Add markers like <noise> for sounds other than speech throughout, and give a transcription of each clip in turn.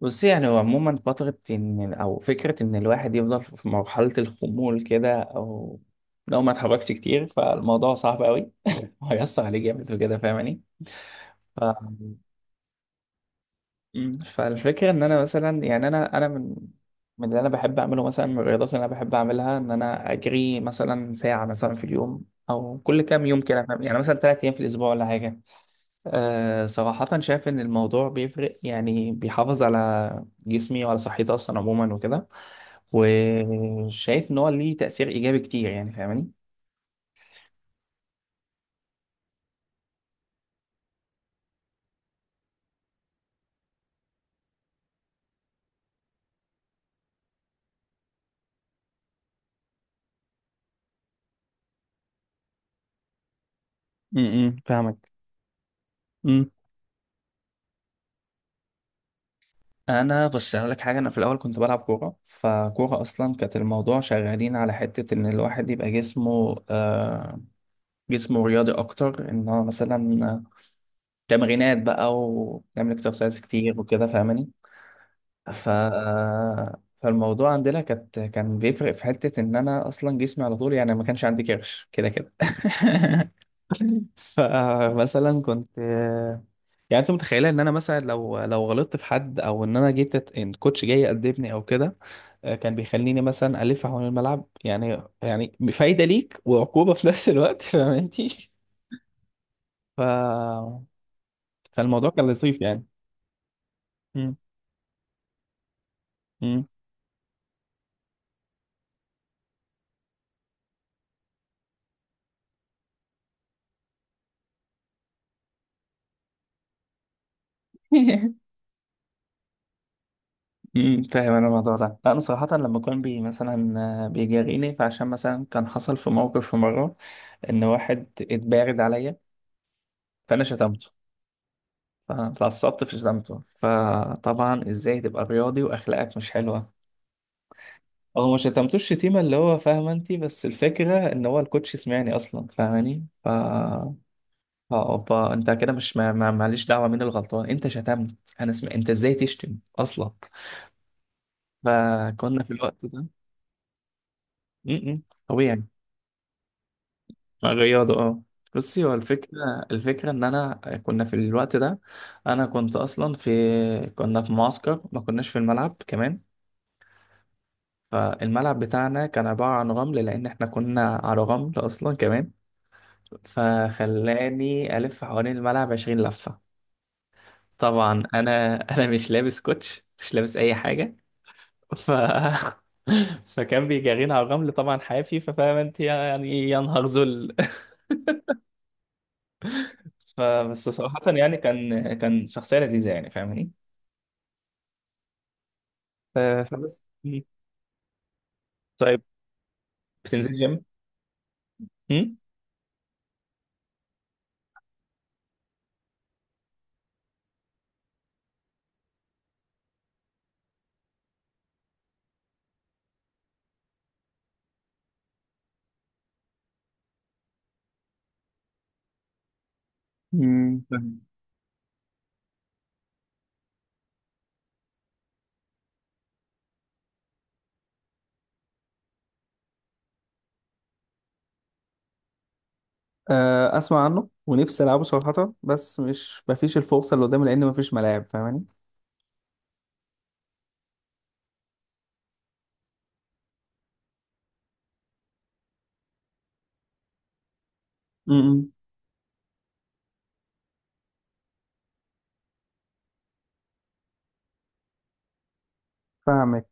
بص، يعني هو عموما فترة إن، أو فكرة إن الواحد يفضل في مرحلة الخمول كده، أو لو ما اتحركش كتير فالموضوع صعب أوي. <laughs> هيأثر عليه جامد وكده، فاهماني؟ ف... فالفكرة إن أنا مثلا، يعني أنا من اللي أنا بحب أعمله، مثلا من الرياضات اللي أنا بحب أعملها، إن أنا أجري مثلا ساعة مثلا في اليوم، أو كل كام يوم كده، فاهم؟ يعني مثلا 3 أيام في الأسبوع ولا حاجة. أه، صراحة شايف إن الموضوع بيفرق، يعني بيحافظ على جسمي وعلى صحتي أصلا عموما وكده، وشايف ان هو ليه تأثير ايجابي كتير، يعني فاهماني؟ امم، فاهمك. امم. انا بص، هقول لك حاجه. انا في الاول كنت بلعب كوره، فكوره اصلا كانت الموضوع شغالين على حته ان الواحد يبقى جسمه جسمه رياضي اكتر، ان هو مثلا تمرينات بقى، ونعمل اكسرسايز كتير وكده، فاهماني؟ ف فالموضوع عندنا كان بيفرق في حتة إن أنا أصلا جسمي على طول، يعني ما كانش عندي كرش كده كده. <laughs> فمثلا كنت، يعني أنت متخيلة إن أنا مثلا لو غلطت في حد، أو إن أنا إن الكوتش جاي يأدبني أو كده، كان بيخليني مثلا ألف حوالين الملعب، يعني يعني فايدة ليك وعقوبة في نفس الوقت. <laughs> فاهم أنتي؟ ف فالموضوع كان لطيف يعني. م- م. <laughs> امم، فاهم. انا الموضوع ده، لا انا صراحه لما كان بي مثلا بيجاريني. فعشان مثلا كان حصل في موقف في مره ان واحد اتبارد عليا، فانا شتمته، فاتعصبت في شتمته. فطبعا، ازاي تبقى رياضي واخلاقك مش حلوه؟ هو ما شتمتوش شتيمه اللي هو فاهمه انت، بس الفكره ان هو الكوتش سمعني اصلا، فاهماني؟ ف آه، اوبا، انت كده مش معلش، دعوه مين الغلطان، انت شتمت. انت ازاي تشتم اصلا؟ فكنا في الوقت ده م- م. طبيعي، رياضة. اه، بصي، هو الفكرة، إن أنا كنا في الوقت ده، أنا كنت أصلا في كنا في معسكر، ما كناش في الملعب كمان. فالملعب بتاعنا كان عبارة عن رمل، لأن إحنا كنا على رمل أصلا كمان. فخلاني ألف حوالين الملعب 20 لفة. طبعا أنا مش لابس كوتش، مش لابس أي حاجة. ف <laughs> فكان بيجرينا على الرمل طبعا حافي. ففاهم انت يعني، يا نهار ذل. <laughs> فبس صراحة يعني، كان كان شخصية لذيذة، يعني فاهماني؟ فبس مم. طيب، بتنزل جيم؟ مم؟ مم. فاهم. آه، اسمع عنه ونفسي العبه صراحه، بس مش مفيش الفرصه اللي قدامي، لان مفيش ملاعب، فاهماني؟ مم. فاهمك.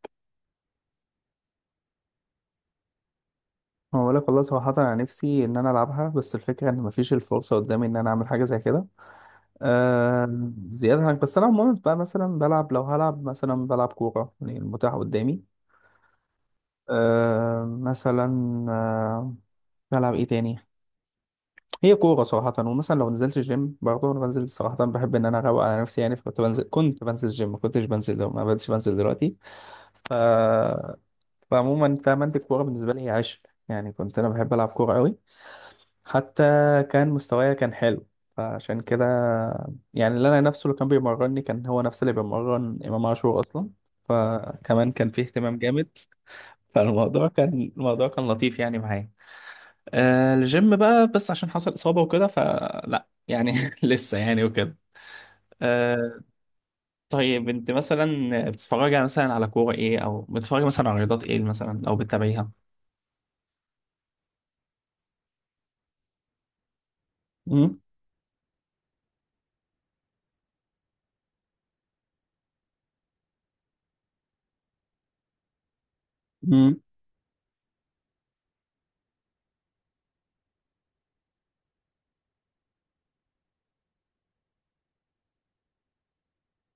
هو بقولك والله صراحة، أنا نفسي إن أنا ألعبها، بس الفكرة إن مفيش الفرصة قدامي إن أنا أعمل حاجة زي كده، آه، زيادة عن، بس أنا عموما بقى مثلا بلعب، لو هلعب مثلا بلعب كورة، يعني المتاح قدامي. أه مثلا، أه، بلعب ايه تاني؟ هي كورة صراحة. ومثلا لو نزلت الجيم، برضه انا بنزل صراحة، بحب ان انا اروق على نفسي يعني. فكنت بنزل، كنت بنزل الجيم، ما كنتش بنزل، لو ما بديش بنزل دلوقتي. ف فعموما فاهم انت، الكورة بالنسبة لي هي عشق، يعني كنت انا بحب العب كورة قوي. حتى كان مستوايا كان حلو. فعشان كده يعني، اللي انا نفسه اللي كان بيمرني كان هو نفس اللي بيمرن امام عاشور اصلا، فكمان كان فيه اهتمام جامد. فالموضوع كان، الموضوع كان لطيف يعني معايا. آه، الجيم بقى بس عشان حصل إصابة وكده، فلا يعني <laughs> لسه يعني وكده. آه. طيب، انت مثلا بتتفرجي، يعني مثلا على كورة ايه، او بتتفرجي مثلا على رياضات ايه مثلا، او بتتابعيها؟ مم. مم.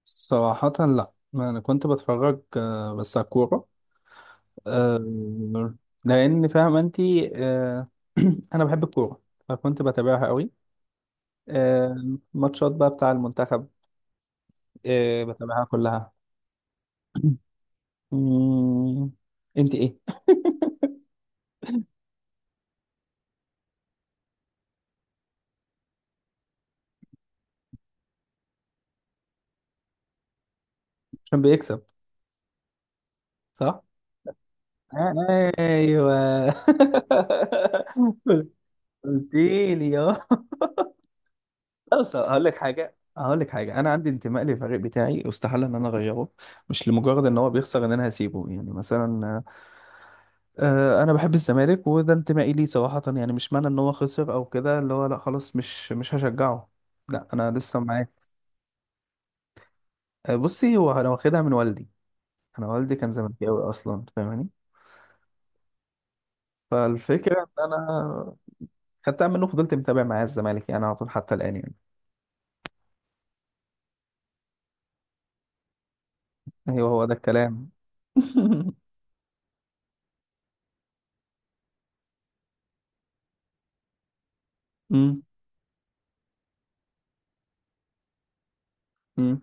صراحة لا، ما أنا كنت بتفرج بس على الكورة، آه، لأن فاهم أنت، آه، <clears throat> أنا بحب الكورة، فكنت بتابعها قوي. آه، ماتشات بقى بتاع المنتخب، آه، بتابعها كلها. <clears throat> مم. انت ايه؟ <laughs> عشان بيكسب، صح؟ ايوه. <laughs> قلت لي اه. لا، بس هقول لك حاجه، هقول لك حاجه انا عندي انتماء للفريق بتاعي، استحاله ان انا اغيره. مش لمجرد ان هو بيخسر ان انا هسيبه يعني مثلا. آه، انا بحب الزمالك، وده انتمائي ليه صراحه يعني. مش معنى ان هو خسر او كده اللي هو، لا خلاص مش هشجعه. لا انا لسه معاه. آه، بصي، هو انا واخدها من والدي. انا والدي كان زملكاوي اصلا، فاهماني؟ فالفكرة إن أنا خدتها منه، فضلت متابع معاه الزمالك يعني على طول حتى الآن يعني. أيوه، هو ده الكلام. <laughs> أمم. أمم.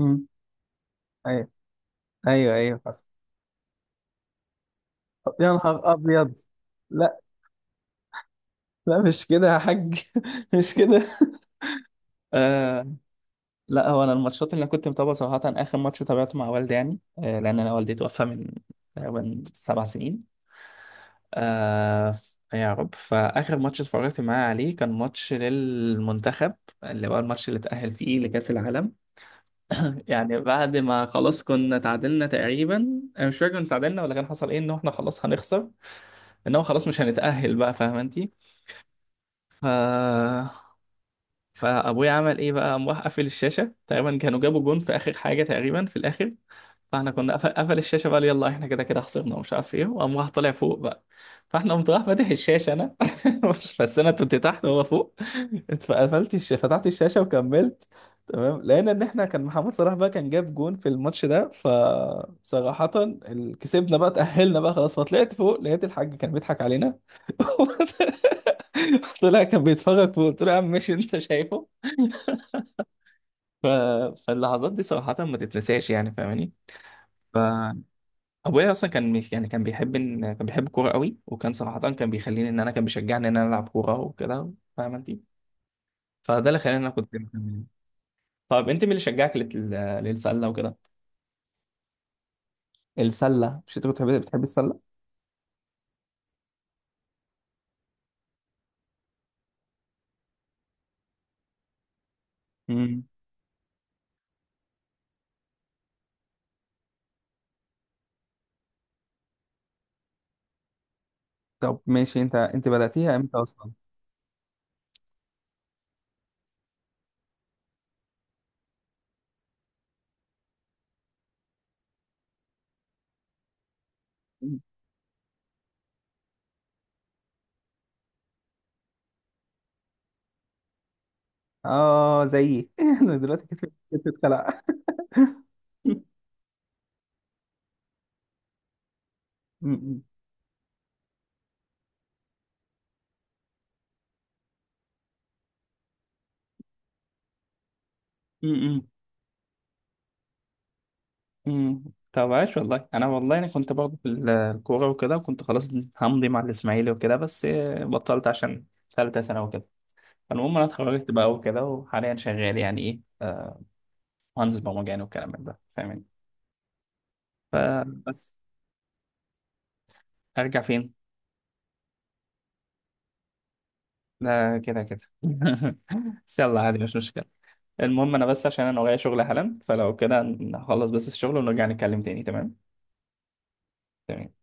أمم. أيوه أيوه أيوه، حصل. طب يا نهار أبيض. لا. لا مش كده يا حاج، <laughs> مش كده. آه. لا، هو أنا الماتشات اللي كنت متابعة صراحة، آخر ماتش تابعته مع والدي يعني، آه، لأن أنا والدي توفى من تقريبا 7 سنين. آه، يا رب. فآخر ماتش اتفرجت معاه عليه كان ماتش للمنتخب، اللي هو الماتش اللي اتأهل فيه لكأس العالم. يعني بعد ما خلاص كنا تعادلنا تقريبا، انا مش فاكر كنا تعادلنا ولا كان حصل ايه، ان احنا خلاص هنخسر، ان هو خلاص مش هنتأهل بقى، فاهمه انت؟ ف... فابويا عمل ايه بقى، قام راح قافل الشاشة، تقريبا كانوا جابوا جون في آخر حاجة تقريبا في الآخر. فاحنا كنا قفل، قفل الشاشه بقى، يلا احنا كده كده خسرنا، ومش عارف ايه، وقام راح طالع فوق بقى. فاحنا قمت راح فاتح الشاشه انا. <laughs> بس انا كنت تحت وهو فوق. فتحت الشاشه وكملت. تمام، لقينا ان احنا كان محمد صلاح بقى كان جاب جون في الماتش ده. فصراحه كسبنا بقى، تاهلنا بقى خلاص. فطلعت فوق، لقيت الحاج كان بيضحك علينا. <laughs> طلع كان بيتفرج فوق. قلت له يا عم ماشي، انت شايفه. ف... فاللحظات دي صراحه ما تتنساش يعني، فاهماني؟ ابويا اصلا يعني كان بيحب الكوره قوي، وكان صراحه كان بيخليني ان انا، كان بيشجعني ان انا العب كوره وكده، فاهم انت؟ فده اللي خلاني ان انا كنت مكمل. طيب، انت مين اللي شجعك للسله وكده؟ السله، مش انت كنت بتحب السله؟ امم. طب ماشي، انت انت بداتيها امتى اصلا؟ مم. اه زيي. <laughs> انا دلوقتي كتفي، كتفي اتخلع. <laughs> م- م- امم. طب عاش، والله انا، والله انا كنت برضه في الكوره وكده، وكنت خلاص همضي مع الاسماعيلي وكده، بس آه، بطلت عشان ثالثه سنه وكده. فالمهم انا اتخرجت بقى وكده، وحاليا شغال يعني ايه، آه، مهندس برمجان والكلام من ده، فاهمني؟ فبس. ارجع فين؟ لا كده كده. <laughs> بس يلا عادي، مش مشكله. المهم انا بس عشان انا ورايا شغل حالا، فلو كده نخلص بس الشغل ونرجع نتكلم تاني، تمام؟ تمام.